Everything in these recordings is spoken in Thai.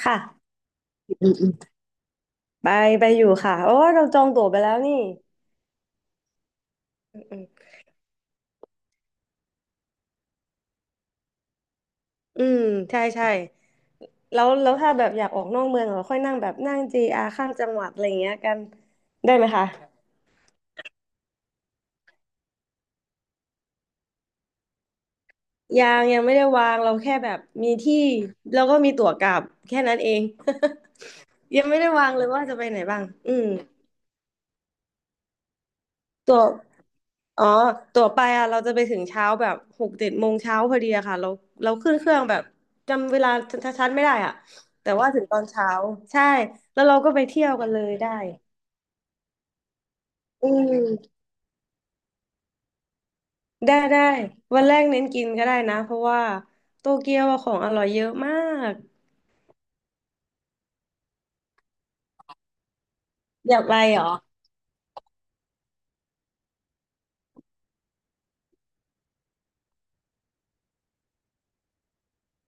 ค่ะอืมอืมไปไปอยู่ค่ะโอ้เราจองตั๋วไปแล้วนี่อืมอืมอืมใช่ใช่แล้วแล้วถ้าแบบอยากออกนอกเมืองเราค่อยนั่งแบบนั่งจีอาร์ข้ามจังหวัดอะไรอย่างเงี้ยกันได้ไหมคะยังยังไม่ได้วางเราแค่แบบมีที่แล้วก็มีตั๋วกลับแค่นั้นเอง ยังไม่ได้วางเลยว่าจะไปไหนบ้างอืม ตั๋วอ๋อตั๋วไปอ่ะเราจะไปถึงเช้าแบบหกเจ็ดโมงเช้าพอดีอะค่ะเราเราขึ้นเครื่องแบบจำเวลาชัดๆไม่ได้อ่ะแต่ว่าถึงตอนเช้าใช่แล้วเราก็ไปเที่ยวกันเลยได้อืมได้ได้วันแรกเน้นกินก็ได้นะเพราะว่าโตเกียวอะของอร่อยเยอะมากอยากไปเหรอ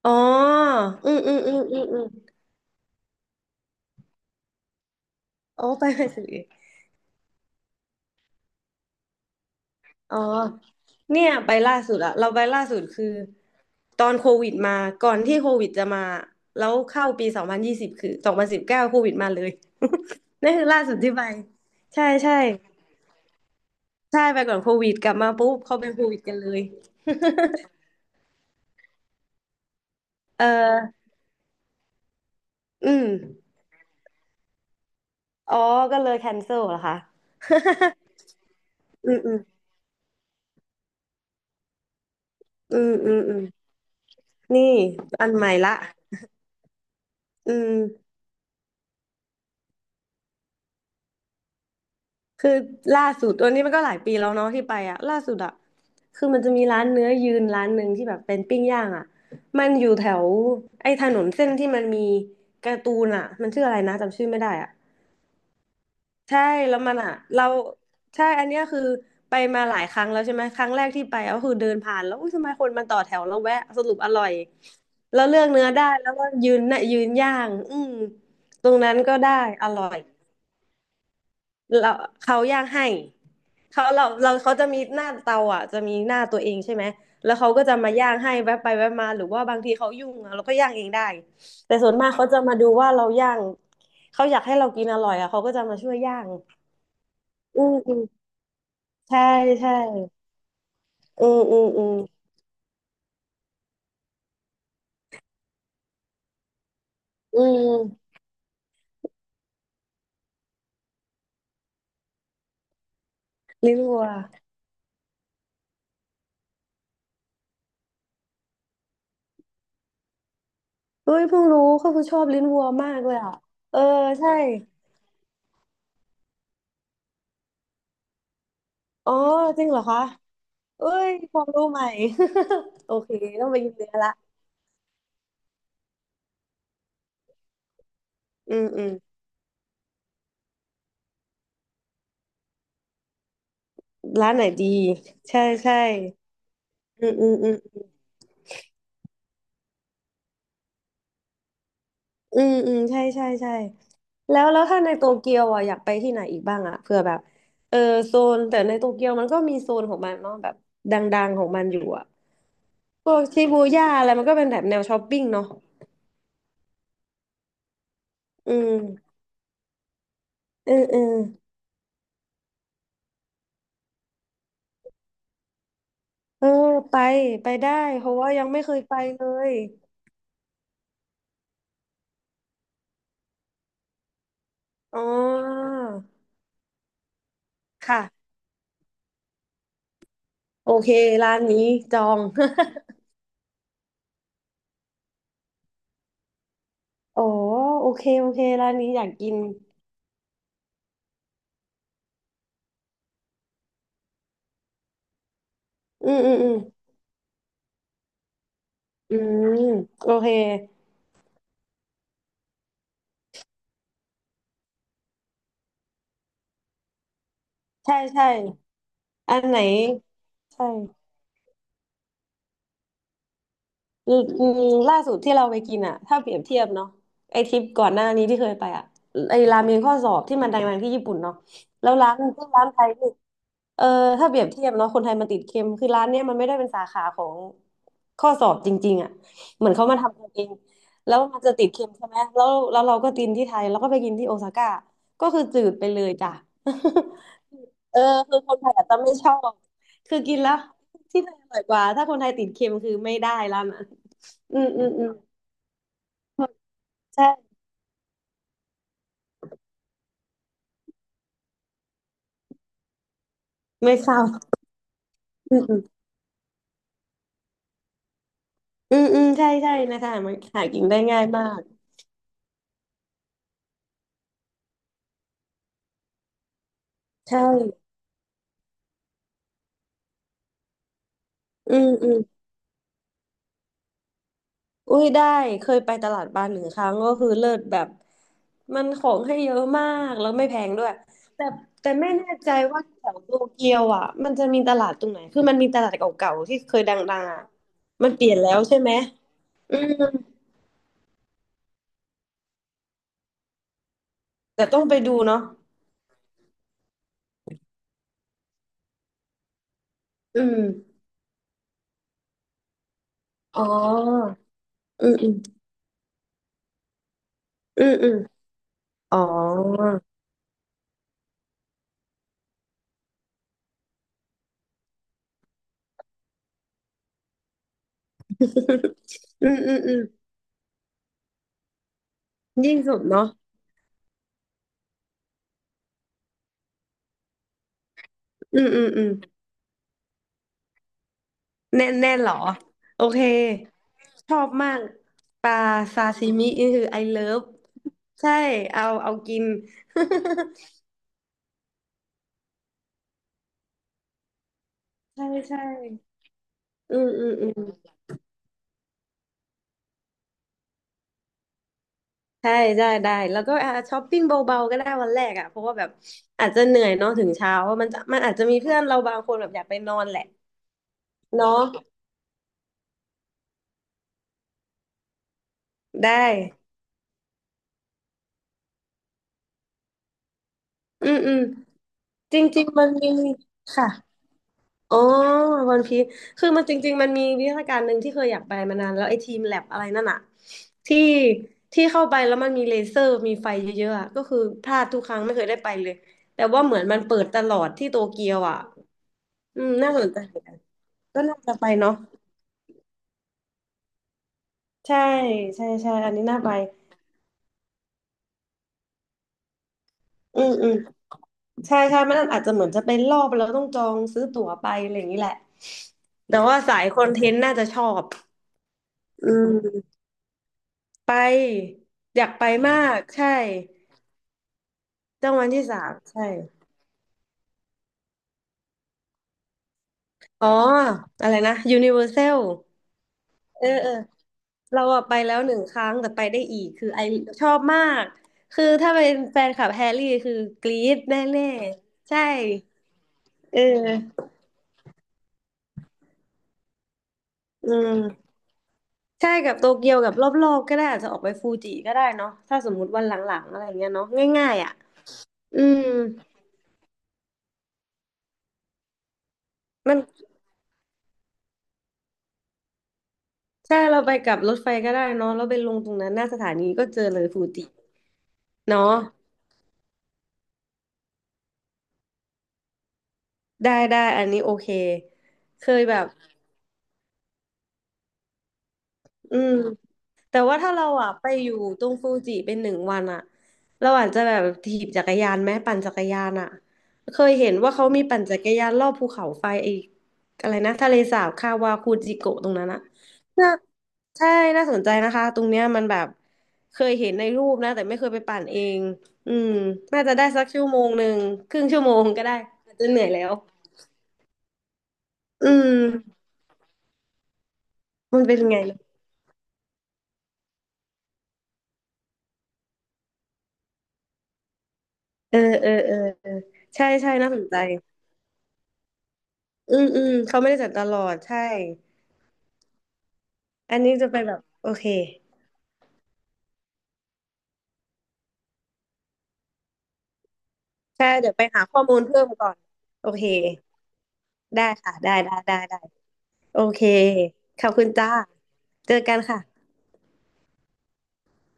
อ๋ออืมอืมอืมอืมอืมโอ้ไปไปสิ อ๋อเนี่ยไปล่าสุดอะเราไปล่าสุดคือตอนโควิดมาก่อนที่โควิดจะมาแล้วเข้าปี2020คือ2019โควิดมาเลย นั่นคือล่าสุดที่ไปใช่ใช่ใช่ไปก่อนโควิดกลับมาปุ๊บเขาเป็นโควิดกันเลยเอออืมอ๋อก็เลยแคนเซิลเหรอคะอืมอืมอืมอืมอืมนี่อันใหม่ละอืม คือล่าสุดตัวนี้มันก็หลายปีแล้วเนาะที่ไปอ่ะล่าสุดอ่ะคือมันจะมีร้านเนื้อยืนร้านหนึ่งที่แบบเป็นปิ้งย่างอ่ะมันอยู่แถวไอ้ถนนเส้นที่มันมีการ์ตูนอ่ะมันชื่ออะไรนะจำชื่อไม่ได้อ่ะใช่แล้วมันอ่ะเราใช่อันเนี้ยคือไปมาหลายครั้งแล้วใช่ไหมครั้งแรกที่ไปก็คือเดินผ่านแล้วอุ้ยทำไมคนมันต่อแถวแล้วแวะสรุปอร่อยแล้วเลือกเนื้อได้แล้วก็ยืนน่ะยืนย่างอืมตรงนั้นก็ได้อร่อย เราเขาย่างให้เขาเราเราเขาจะมีหน้าเตาอ่ะจะมีหน้าตัวเองใช่ไหมแล้วเขาก็จะมาย่างให้แวบไปแวบมาหรือว่าบางทีเขายุ่งอะเราก็ย่างเองได้แต่ส่วนมากเขาจะมาดูว่าเราย่างเขาอยากให้เรากินอร่อยอ่ะเขาก็จะมาช่วยย่างอืมอืมใช่ใช่อืมอืมอืมอืมลิ้นวัวเฮ้ยเพิ่งรู้เขาคือชอบลิ้นวัวมากเลยอ่ะเออใช่อ๋อจริงเหรอคะเอ้ยความรู้ใหม่ โอเคต้องไปกินเนื้อละอืมอืม ร้านไหนดีใช่ใช่อืมอืมอืมอืมอืมใช่ใช่ใช่แล้วแล้วถ้าในโตเกียวอ่ะอยากไปที่ไหนอีกบ้างอ่ะเผื่อแบบเออโซนแต่ในโตเกียวมันก็มีโซนของมันเนาะแบบดังๆของมันอยู่อ่ะพวกชิบูย่าอะไรมันก็เป็นแบบแนวช้อปปิ้งเนาะอืมเออเออเออไปไปได้เพราะว่ายังไม่เคยไปเลยอ๋อค่ะโอเคร้านนี้จอง อ๋อโอเคโอเคร้านนี้อยากกินอืมอืมอืม อืมโอเคใช่ใช่อันไหนใช่ อืมอืมล่าสุดที่เราไปกินอ่ะถ้าเปรียบเทียบเนาะไอทริปก่อนหน้านี้ที่เคยไปอ่ะไอราเมงข้อสอบที่มันดังๆที่ญี่ปุ่นเนาะแล้วร้านที่ร้านไทยนี่เออถ้าเปรียบเทียบเนาะคนไทยมันติดเค็มคือร้านเนี้ยมันไม่ได้เป็นสาขาของข้อสอบจริงๆอ่ะเหมือนเขามาทำกันเองแล้วมันจะติดเค็มใช่ไหมแล้วแล้วเราก็กินที่ไทยแล้วก็ไปกินที่โอซาก้าก็คือจืดไปเลยจ้ะ เออคือคนไทยอาจจะไม่ชอบคือกินแล้วที่ไทยอร่อยกว่าถ้าคนไทยติดเค็มคือไม่ได้แล้วนะ อืมอืมอืมใช่ไม่เข้าอืมอืมอืมอืมใช่ใช่นะคะมันหากินได้ง่ายมากใช่อืมอืมอุ้ยได้เคยไปตลาดบาาหนึ่งครั้งก็คือเลิศแบบมันของให้เยอะมากแล้วไม่แพงด้วยแต่แต่ไม่แน่ใจว่าแถวโตเกียวอ่ะมันจะมีตลาดตรงไหนคือมันมีตลาดเก่าๆที่เคยดังๆอ่ะมันเปลี่ยนแล้วใช่ไหมอืมแต่ต้องไปดูเนาะอืมอ๋ออืมอืมอืมอืมอ๋อ อืมอืมอืมยิ่งสุดเนาะอืมอืมอืมแน่นแน่นเหรอโอเคชอบมากปลาซาซิมินี่คือไอเลิฟใช่เอาเอากิน ใช่ใช่อืมอืมอืมใช่ได้ได้แล้วก็อ่าช้อปปิ้งเบาๆก็ได้วันแรกอ่ะเพราะว่าแบบอาจจะเหนื่อยเนาะถึงเช้ามันจะมันอาจจะมีเพื่อนเราบางคนแบบอยากไปนอนแหละเนาะได้อืมอืมจริงๆมันมีค่ะ อ๋อวันพีคือมันจริงๆมันมีวิทยาการหนึ่งที่เคยอยากไปมานานแล้วไอ้ทีมแลบอะไรนั่นอะที่ที่เข้าไปแล้วมันมีเลเซอร์มีไฟเยอะๆอะก็คือพลาดทุกครั้งไม่เคยได้ไปเลยแต่ว่าเหมือนมันเปิดตลอดที่โตเกียวอะอืมน่าสนใจเหมือนกันก็น่าจะไปเนาะใช่ใช่ใช่อันนี้น่าไปอืมอืมใช่ใช่มันอาจจะเหมือนจะเป็นรอบแล้วต้องจองซื้อตั๋วไปอะไรอย่างนี้แหละแต่ว่าสายคอนเทนต์น่าจะชอบอืมไปอยากไปมากใช่ ต้องวันที่สามใช่ อ๋ออะไรนะ Universal เออเออเราอะไปแล้วหนึ่งครั้งแต่ไปได้อีกคือไอชอบมากคือถ้าเป็นแฟนคลับแฮร์รี่คือกรี๊ดแน่ๆใช่เอออืมใช่กับโตเกียวกับรอบๆก็ได้อาจจะออกไปฟูจิก็ได้เนาะถ้าสมมุติวันหลังๆอะไรเงี้ยเนาะง่ายๆอ่ะอืมมันใช่เราไปกับรถไฟก็ได้เนาะแล้วไปลงตรงนั้นหน้าสถานีก็เจอเลยฟูจิเนาะ ได้ได้อันนี้โอเคเคยแบบอืมแต่ว่าถ้าเราอ่ะไปอยู่ตรงฟูจิเป็นหนึ่งวันอ่ะเราอาจจะแบบถีบจักรยานไหมปั่นจักรยานอ่ะเคยเห็นว่าเขามีปั่นจักรยานรอบภูเขาไฟไอ้อะไรนะทะเลสาบคาวาคูจิโกะตรงนั้นอ่ะน่าใช่น่าสนใจนะคะตรงเนี้ยมันแบบเคยเห็นในรูปนะแต่ไม่เคยไปปั่นเองอืมน่าจะได้สักชั่วโมงหนึ่งครึ่งชั่วโมงก็ได้อาจจะเหนื่อยแล้วอืมมันเป็นไง เออเออเออเออใช่ใช่น่าสนใจอืมอืมเขาไม่ได้จัดตลอดใช่อันนี้จะไปแบบโอเคใช่เดี๋ยวไปหาข้อมูลเพิ่มก่อนโอเคได้ค่ะได้ได้ได้ได้โอเคขอบคุณจ้าเจอกันค่ะ